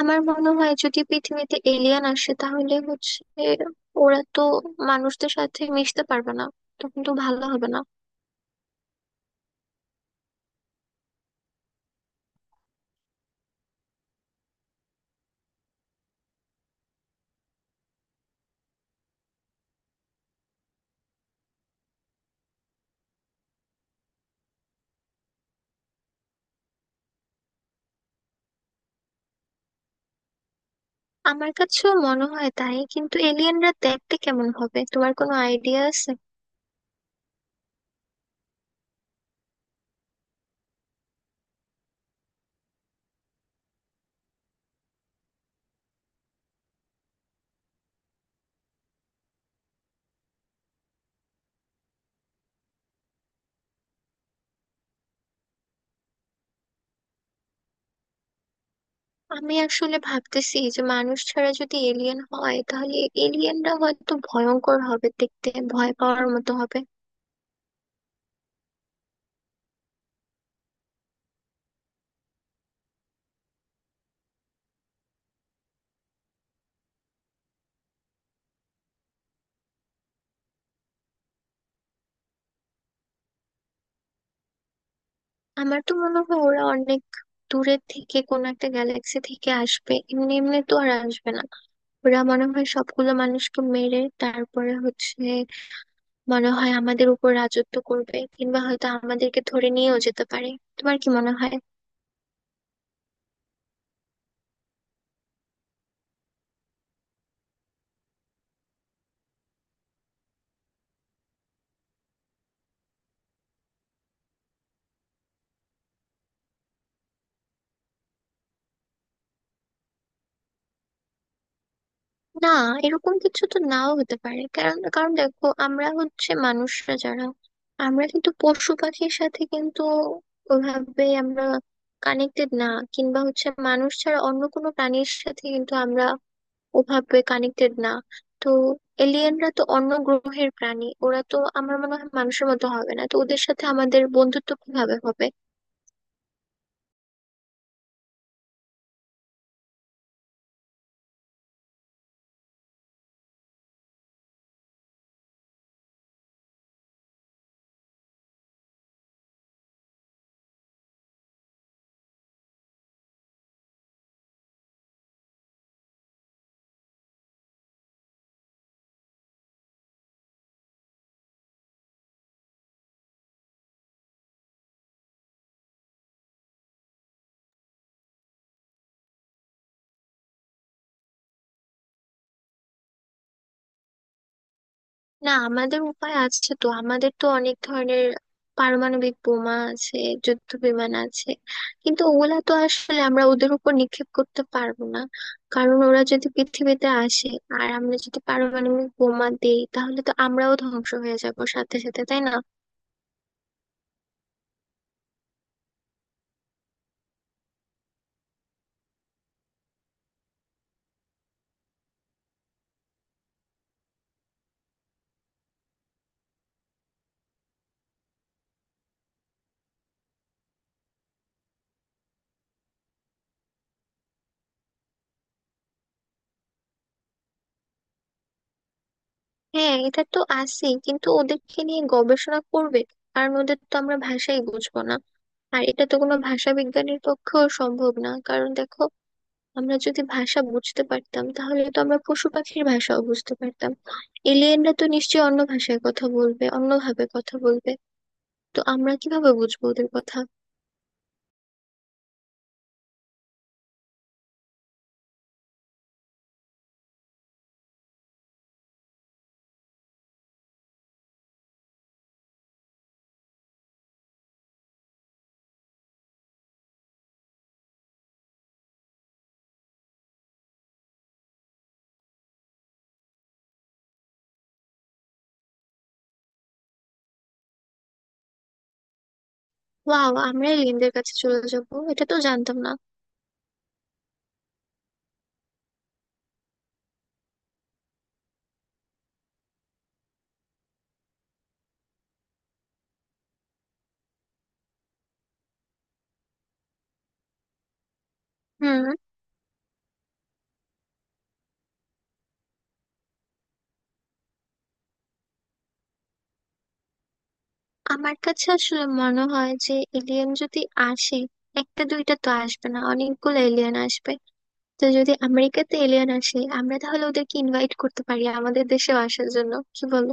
আমার মনে হয় যদি পৃথিবীতে এলিয়েন আসে তাহলে হচ্ছে ওরা তো মানুষদের সাথে মিশতে পারবে না, তখন তো ভালো হবে না। আমার কাছেও মনে হয় তাই, কিন্তু এলিয়েনরা দেখতে কেমন হবে তোমার কোনো আইডিয়া আছে? আমি আসলে ভাবতেছি যে মানুষ ছাড়া যদি এলিয়েন হয় তাহলে এলিয়েনরা হয়তো ভয়ঙ্কর হবে দেখতে, ভয় পাওয়ার মতো হবে। আমার তো মনে হয় ওরা অনেক দূরের থেকে কোনো একটা গ্যালাক্সি থেকে আসবে, এমনি এমনি তো আর আসবে না। ওরা মনে হয় সবগুলো মানুষকে মেরে তারপরে হচ্ছে মনে হয় আমাদের উপর রাজত্ব করবে, কিংবা হয়তো আমাদেরকে ধরে নিয়েও যেতে পারে। তোমার কি মনে হয়? না, এরকম কিছু তো নাও হতে পারে। কারণ কারণ দেখো, আমরা হচ্ছে মানুষরা যারা আমরা কিন্তু পশু পাখির সাথে কিন্তু ওভাবে আমরা কানেক্টেড না, কিংবা হচ্ছে মানুষ ছাড়া অন্য কোনো প্রাণীর সাথে কিন্তু আমরা ওভাবে কানেক্টেড না। তো এলিয়েনরা তো অন্য গ্রহের প্রাণী, ওরা তো আমার মনে হয় মানুষের মতো হবে না, তো ওদের সাথে আমাদের বন্ধুত্ব কিভাবে হবে? না, আমাদের উপায় আছে তো, আমাদের তো অনেক ধরনের পারমাণবিক বোমা আছে, যুদ্ধ বিমান আছে। কিন্তু ওগুলা তো আসলে আমরা ওদের উপর নিক্ষেপ করতে পারবো না, কারণ ওরা যদি পৃথিবীতে আসে আর আমরা যদি পারমাণবিক বোমা দেই তাহলে তো আমরাও ধ্বংস হয়ে যাবো সাথে সাথে, তাই না? হ্যাঁ, এটা তো আছেই, কিন্তু ওদেরকে নিয়ে গবেষণা করবে আর ওদের তো আমরা ভাষাই বুঝবো না। আর এটা তো কোনো ভাষা বিজ্ঞানীর পক্ষেও সম্ভব না, কারণ দেখো আমরা যদি ভাষা বুঝতে পারতাম তাহলে তো আমরা পশু পাখির ভাষাও বুঝতে পারতাম। এলিয়েনরা তো নিশ্চয়ই অন্য ভাষায় কথা বলবে, অন্যভাবে কথা বলবে, তো আমরা কিভাবে বুঝবো ওদের কথা? ওয়াও, আমরা এলিয়েনদের কাছে চলে যাব? এটা তো জানতাম না। হুম। আমার কাছে আসলে মনে হয় যে এলিয়েন যদি আসে, একটা দুইটা তো আসবে না, অনেকগুলো এলিয়েন আসবে। তো যদি আমেরিকাতে এলিয়েন আসে আমরা তাহলে ওদেরকে ইনভাইট করতে পারি আমাদের দেশেও আসার জন্য, কি বলো?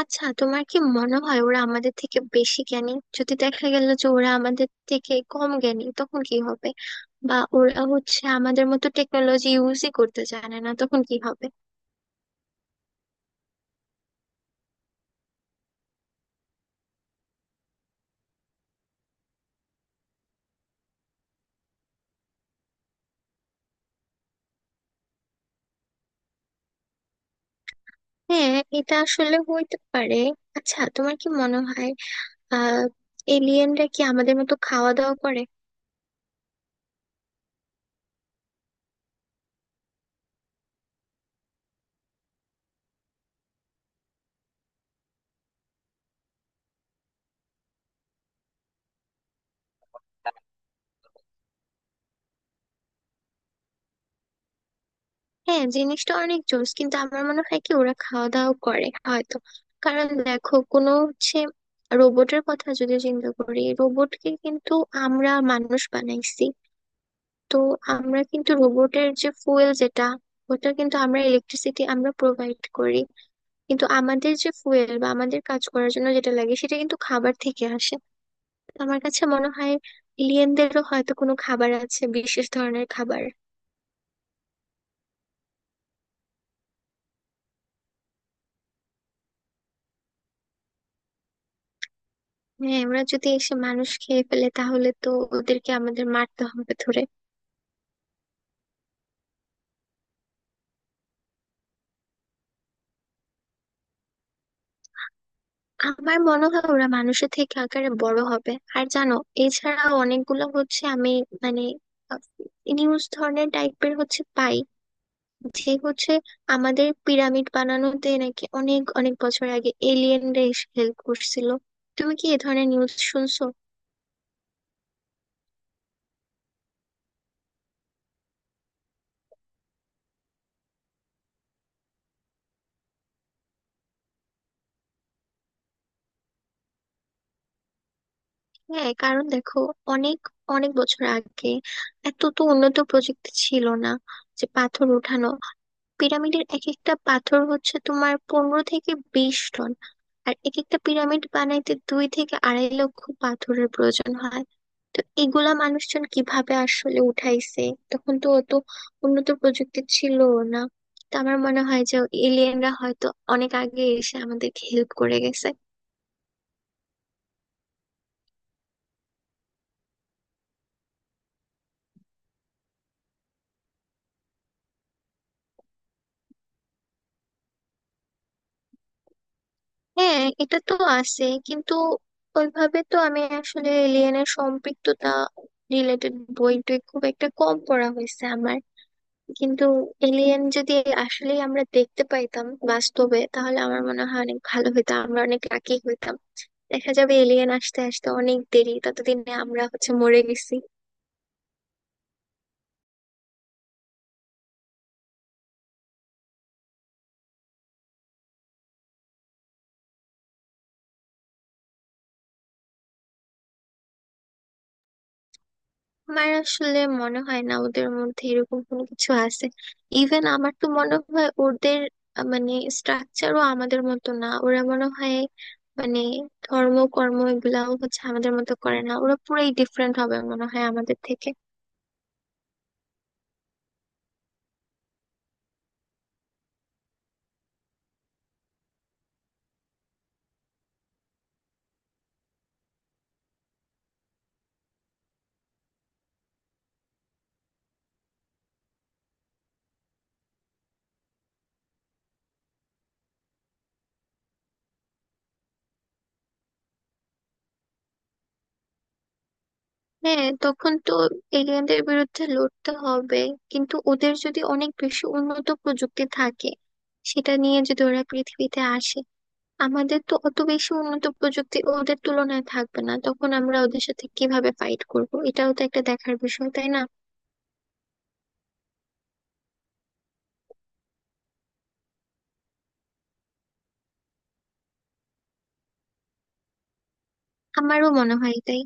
আচ্ছা, তোমার কি মনে হয় ওরা আমাদের থেকে বেশি জ্ঞানী? যদি দেখা গেল যে ওরা আমাদের থেকে কম জ্ঞানী তখন কি হবে? বা ওরা হচ্ছে আমাদের মতো টেকনোলজি ইউজই করতে জানে না, তখন কি হবে? হ্যাঁ, এটা আসলে হইতে পারে। আচ্ছা, তোমার কি মনে হয়, আহ এলিয়েনরা কি আমাদের মতো খাওয়া দাওয়া করে? হ্যাঁ, জিনিসটা অনেক জোস, কিন্তু আমার মনে হয় কি ওরা খাওয়া দাওয়া করে হয়তো। কারণ দেখো, কোনো হচ্ছে রোবটের কথা যদি চিন্তা করি, রোবটকে কিন্তু আমরা মানুষ বানাইছি। তো আমরা কিন্তু রোবটের যে ফুয়েল, যেটা ওটা কিন্তু আমরা ইলেকট্রিসিটি আমরা প্রোভাইড করি। কিন্তু আমাদের যে ফুয়েল বা আমাদের কাজ করার জন্য যেটা লাগে সেটা কিন্তু খাবার থেকে আসে। তো আমার কাছে মনে হয় এলিয়েনদেরও হয়তো কোনো খাবার আছে, বিশেষ ধরনের খাবার। হ্যাঁ, ওরা যদি এসে মানুষ খেয়ে ফেলে তাহলে তো ওদেরকে আমাদের মারতে হবে ধরে। আমার মনে হয় ওরা মানুষের থেকে আকারে বড় হবে। আর জানো, এছাড়া অনেকগুলো হচ্ছে আমি, মানে, নিউজ ধরনের টাইপের হচ্ছে পাই যে হচ্ছে আমাদের পিরামিড বানানোতে নাকি অনেক অনেক বছর আগে এলিয়েনরা এসে হেল্প করছিল। তুমি কি এ ধরনের নিউজ শুনছো? হ্যাঁ, কারণ দেখো, অনেক অনেক বছর আগে এত তো উন্নত প্রযুক্তি ছিল না যে পাথর ওঠানো। পিরামিডের এক একটা পাথর হচ্ছে তোমার 15 থেকে 20 টন, আর এক একটা পিরামিড বানাইতে 2 থেকে 2.5 লক্ষ পাথরের প্রয়োজন হয়। তো এগুলা মানুষজন কিভাবে আসলে উঠাইছে? তখন তো অত উন্নত প্রযুক্তি ছিল না। তো আমার মনে হয় যে এলিয়েনরা হয়তো অনেক আগে এসে আমাদেরকে হেল্প করে গেছে। হ্যাঁ, এটা তো আছে, কিন্তু ওইভাবে তো আমি আসলে এলিয়েনের সম্পৃক্ততা রিলেটেড বই টই খুব একটা কম পড়া হয়েছে আমার। কিন্তু এলিয়েন যদি আসলেই আমরা দেখতে পাইতাম বাস্তবে, তাহলে আমার মনে হয় অনেক ভালো হতো, আমরা অনেক লাকি হইতাম। দেখা যাবে এলিয়েন আসতে আসতে অনেক দেরি, ততদিনে আমরা হচ্ছে মরে গেছি। আমার আসলে মনে হয় না ওদের মধ্যে এরকম কোনো কিছু আছে। ইভেন আমার তো মনে হয় ওদের মানে স্ট্রাকচারও আমাদের মতো না, ওরা মনে হয়, মানে, ধর্ম কর্ম এগুলাও হচ্ছে আমাদের মতো করে না, ওরা পুরাই ডিফারেন্ট হবে মনে হয় আমাদের থেকে। হ্যাঁ, তখন তো এলিয়েনদের বিরুদ্ধে লড়তে হবে। কিন্তু ওদের যদি অনেক বেশি উন্নত প্রযুক্তি থাকে, সেটা নিয়ে যদি ওরা পৃথিবীতে আসে, আমাদের তো অত বেশি উন্নত প্রযুক্তি ওদের তুলনায় থাকবে না, তখন আমরা ওদের সাথে কিভাবে ফাইট করব, এটাও তো একটা দেখার বিষয়, তাই না? আমারও মনে হয় তাই।